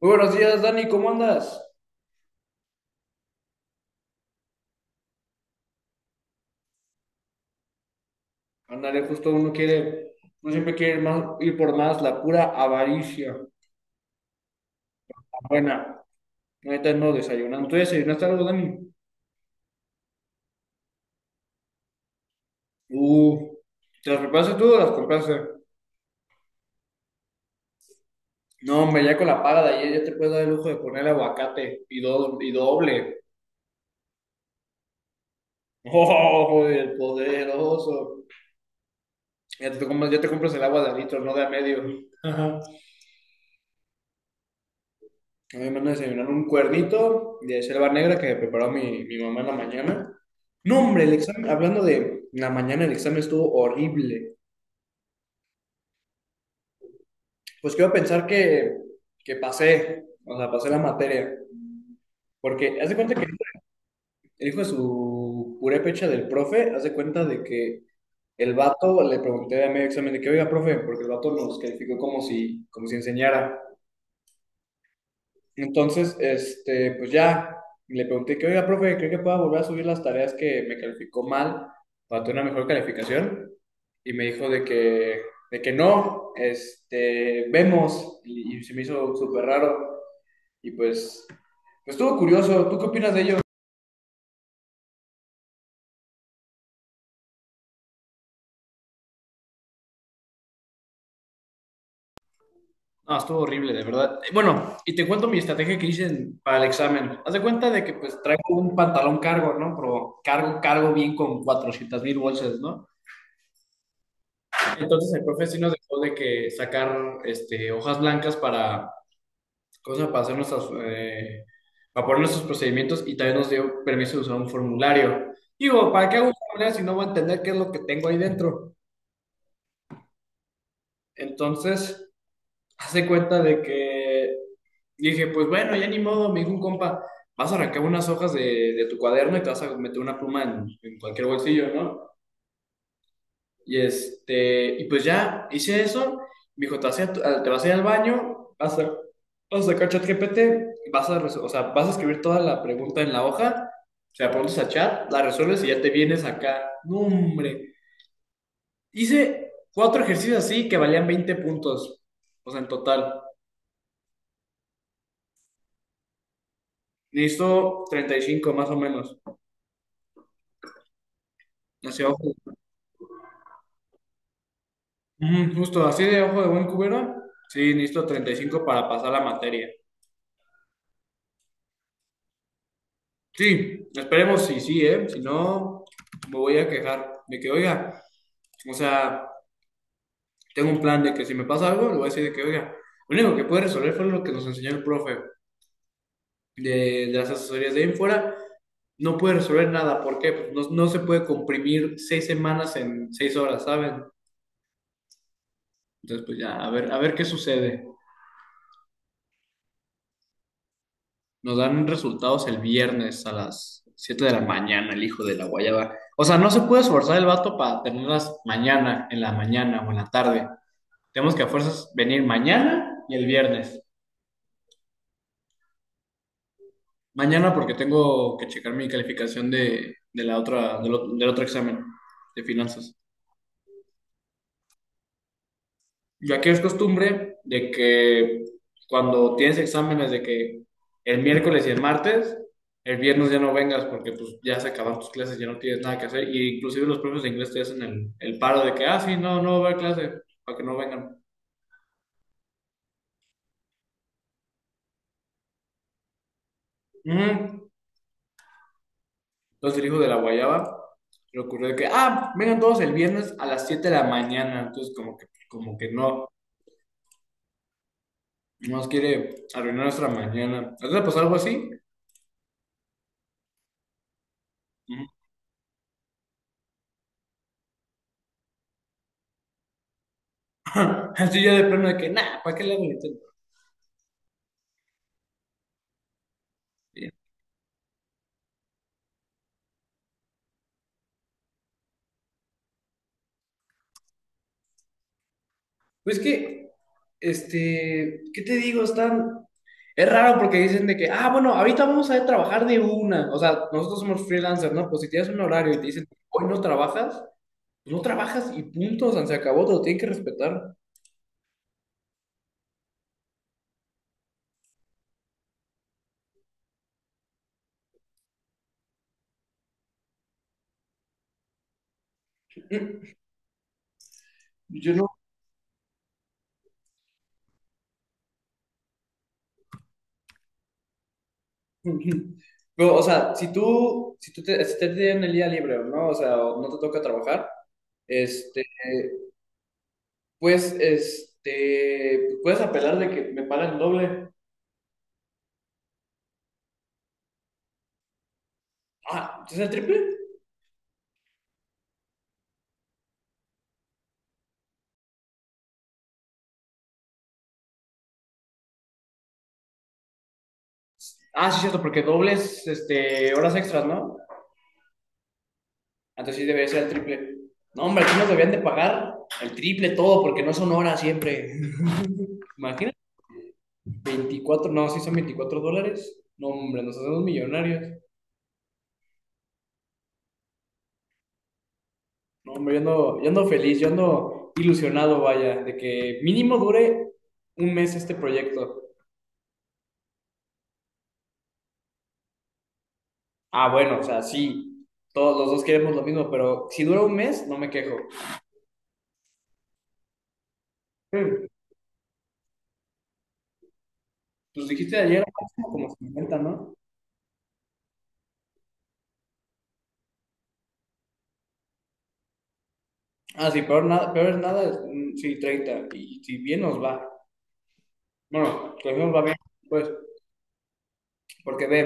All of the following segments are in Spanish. Muy buenos días, Dani, ¿cómo andas? Ándale, justo uno quiere, uno siempre quiere ir, más, ir por más, la pura avaricia. Buena, ahorita no desayunando. ¿Tú desayunaste algo, Dani? Uh, ¿Te las preparaste tú o las compraste? No, hombre, ya con la paga de ayer ya te puedes dar el lujo de poner aguacate y doble. ¡Oh, el poderoso! Ya te compras el agua de a litro, no de a medio. A mí me mandan a desayunar un cuernito de selva negra que me preparó mi mamá en la mañana. No, hombre, el examen, hablando de la mañana, el examen estuvo horrible. Pues quiero pensar que pasé, o sea, pasé la materia. Porque haz de cuenta que el hijo de su purépecha del profe, haz de cuenta de que el vato le pregunté a medio examen de que, oiga, profe, porque el vato nos calificó como si enseñara. Entonces, pues ya le pregunté que, oiga, profe, ¿cree que pueda volver a subir las tareas que me calificó mal para tener una mejor calificación? Y me dijo de que no, vemos, y se me hizo súper raro. Y pues estuvo curioso, ¿tú qué opinas de ello? No, estuvo horrible, de verdad. Bueno, y te cuento mi estrategia que hice para el examen. Haz de cuenta de que pues traigo un pantalón cargo, ¿no? Pero cargo, cargo bien con 400 mil bolsas, ¿no? Entonces el profe sí nos dejó de que sacar hojas blancas para, cosas para hacer nuestras, para poner nuestros procedimientos y también nos dio permiso de usar un formulario. Digo, ¿para qué hago un formulario si no voy a entender qué es lo que tengo ahí dentro? Entonces, hace cuenta de que dije, pues bueno, ya ni modo, me dijo un compa, vas a arrancar unas hojas de tu cuaderno y te vas a meter una pluma en cualquier bolsillo, ¿no? Y pues ya hice eso. Me dijo, te vas a ir, te vas a ir al baño, vas a sacar ChatGPT, o sea, vas a escribir toda la pregunta en la hoja, se la pones a chat, la resuelves y ya te vienes acá. No, hombre. Hice cuatro ejercicios así que valían 20 puntos, o sea, en total. Necesito 35 más o menos. Así, ojo. Ujú, justo así de ojo de buen cubero. Sí, necesito 35 para pasar la materia. Sí, esperemos si sí, ¿eh? Si no, me voy a quejar de que, oiga, o sea, tengo un plan de que si me pasa algo, le voy a decir de que, oiga, lo único que puede resolver fue lo que nos enseñó el profe de las asesorías de ahí en fuera. No puede resolver nada, ¿por qué? Pues no, no se puede comprimir 6 semanas en 6 horas, ¿saben? Entonces, pues ya, a ver qué sucede. Nos dan resultados el viernes a las 7 de la mañana, el hijo de la guayaba. O sea, no se puede esforzar el vato para tenerlas mañana, en la mañana o en la tarde. Tenemos que a fuerzas venir mañana y el viernes. Mañana porque tengo que checar mi calificación de la otra, del otro examen de finanzas. Yo aquí es costumbre de que cuando tienes exámenes de que el miércoles y el martes, el viernes ya no vengas porque pues ya se acabaron tus clases, ya no tienes nada que hacer. Y inclusive los profes de inglés te hacen el paro de que, ah, sí, no, no va a haber clase, para que no vengan. Ujú. Los el hijo de la guayaba le ocurrió de que, ah, vengan todos el viernes a las 7 de la mañana. Entonces como que no, no nos quiere arruinar nuestra mañana. ¿A ti te pasó algo así? Ujú. Así ya de plano de que, nah, ¿para qué le hago el intento? Bien. Pues que, ¿qué te digo? Están. Es raro porque dicen de que, ah, bueno, ahorita vamos a trabajar de una. O sea, nosotros somos freelancers, ¿no? Pues si tienes un horario y te dicen, hoy no trabajas, pues no trabajas y punto, o sea, se acabó, te lo tienen que respetar. Mm. Yo no. Pero, o sea, si tú, si te tienen el día libre, ¿no? O sea, o no te toca trabajar, este, pues, puedes apelar de que me pagan el doble. Ah, ¿sí? ¿Es el triple? Ah, sí, cierto, porque dobles, horas extras, ¿no? Entonces sí debería ser el triple. No, hombre, aquí nos debían de pagar el triple todo, porque no son horas siempre. Imagínate, 24 no, sí son 24 dólares. No, hombre, nos hacemos millonarios. No, hombre, yo ando feliz, yo ando ilusionado, vaya, de que mínimo dure un mes este proyecto. Ah, bueno, o sea, sí, todos los dos queremos lo mismo, pero si dura un mes, no me quejo. Hmm, Pues dijiste ayer máximo como 50, ¿no? Ah, sí, peor, nada, peor es nada, mm, sí, 30. Y si bien nos va. Bueno, que bien nos va bien, pues, porque ve,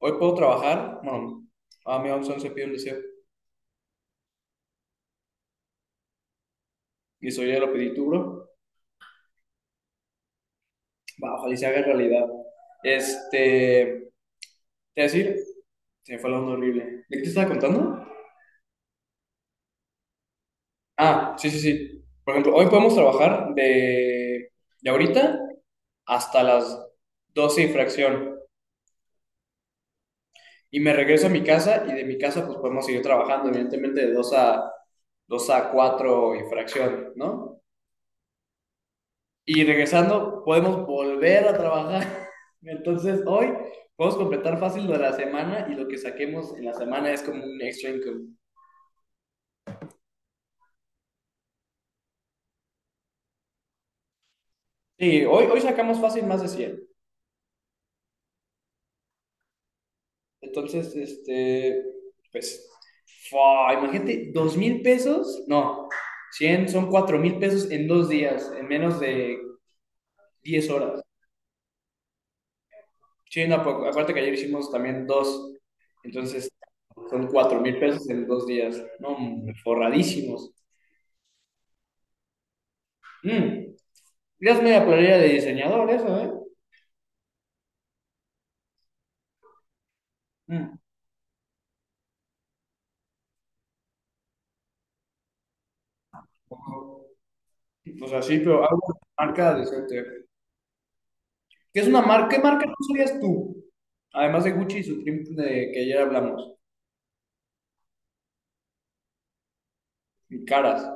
hoy puedo trabajar, bueno, a mi 11 se pide un deseo, y eso ya lo pedí tú, bro. Va, ojalá y se haga realidad. Este, es decir, se me fue la onda horrible. ¿De qué te estaba contando? Ah, sí, sí, sí. Por ejemplo, hoy podemos trabajar de ahorita hasta las 12 y fracción. Y me regreso a mi casa y de mi casa pues podemos seguir trabajando, evidentemente de dos a 4 y fracción, ¿no? Y regresando podemos volver a trabajar. Entonces hoy podemos completar fácil lo de la semana y lo que saquemos en la semana es como un extra income. Sí, hoy sacamos fácil más de 100. Entonces, pues, fua, imagínate, 2,000 pesos, no, 100 son 4,000 pesos en dos días, en menos de 10 horas. Sí, no, acuérdate que ayer hicimos también dos, entonces son 4,000 pesos en dos días, no, hombre, forradísimos. Mm, ya es media playera de diseñador eso, ¿eh? Mm. O sea, sí, pero algo de marca decente. ¿Qué es una marca? ¿Qué marca no sabías tú? Además de Gucci y Supreme de que ayer hablamos. Y caras.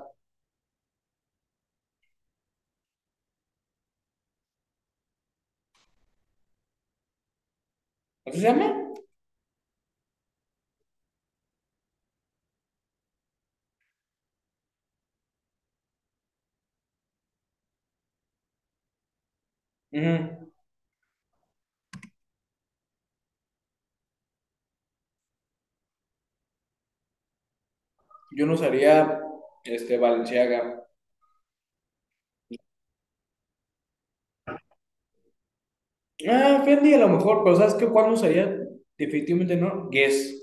¿Así se llama? Ujú. Yo no usaría este Balenciaga. Ah, Fendi a lo mejor, pero ¿sabes qué? ¿Cuál no usaría? Definitivamente no. Guess.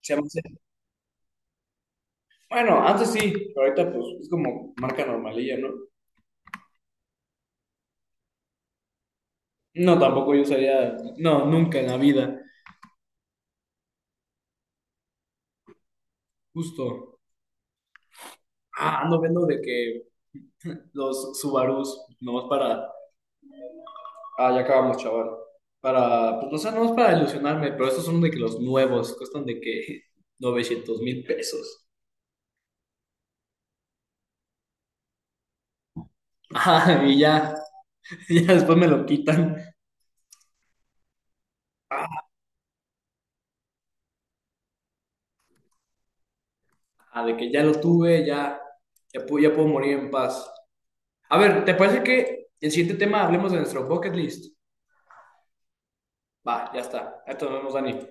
Se llama ese. Bueno, antes sí, pero ahorita pues es como marca normalilla, ¿no? No, tampoco yo usaría. No, nunca en la vida. Justo. Ah, ando viendo de que los Subarus, nomás para. Ah, ya acabamos, chaval. Para, pues no sé, nomás para ilusionarme, pero estos son de que los nuevos, cuestan de que 900,000 pesos. Ajá, y ya, ya después me lo quitan. Ah, de que ya lo tuve, ya puedo morir en paz. A ver, ¿te parece que el siguiente tema hablemos de nuestro bucket list? Va, ya está. Esto nos vemos, Dani.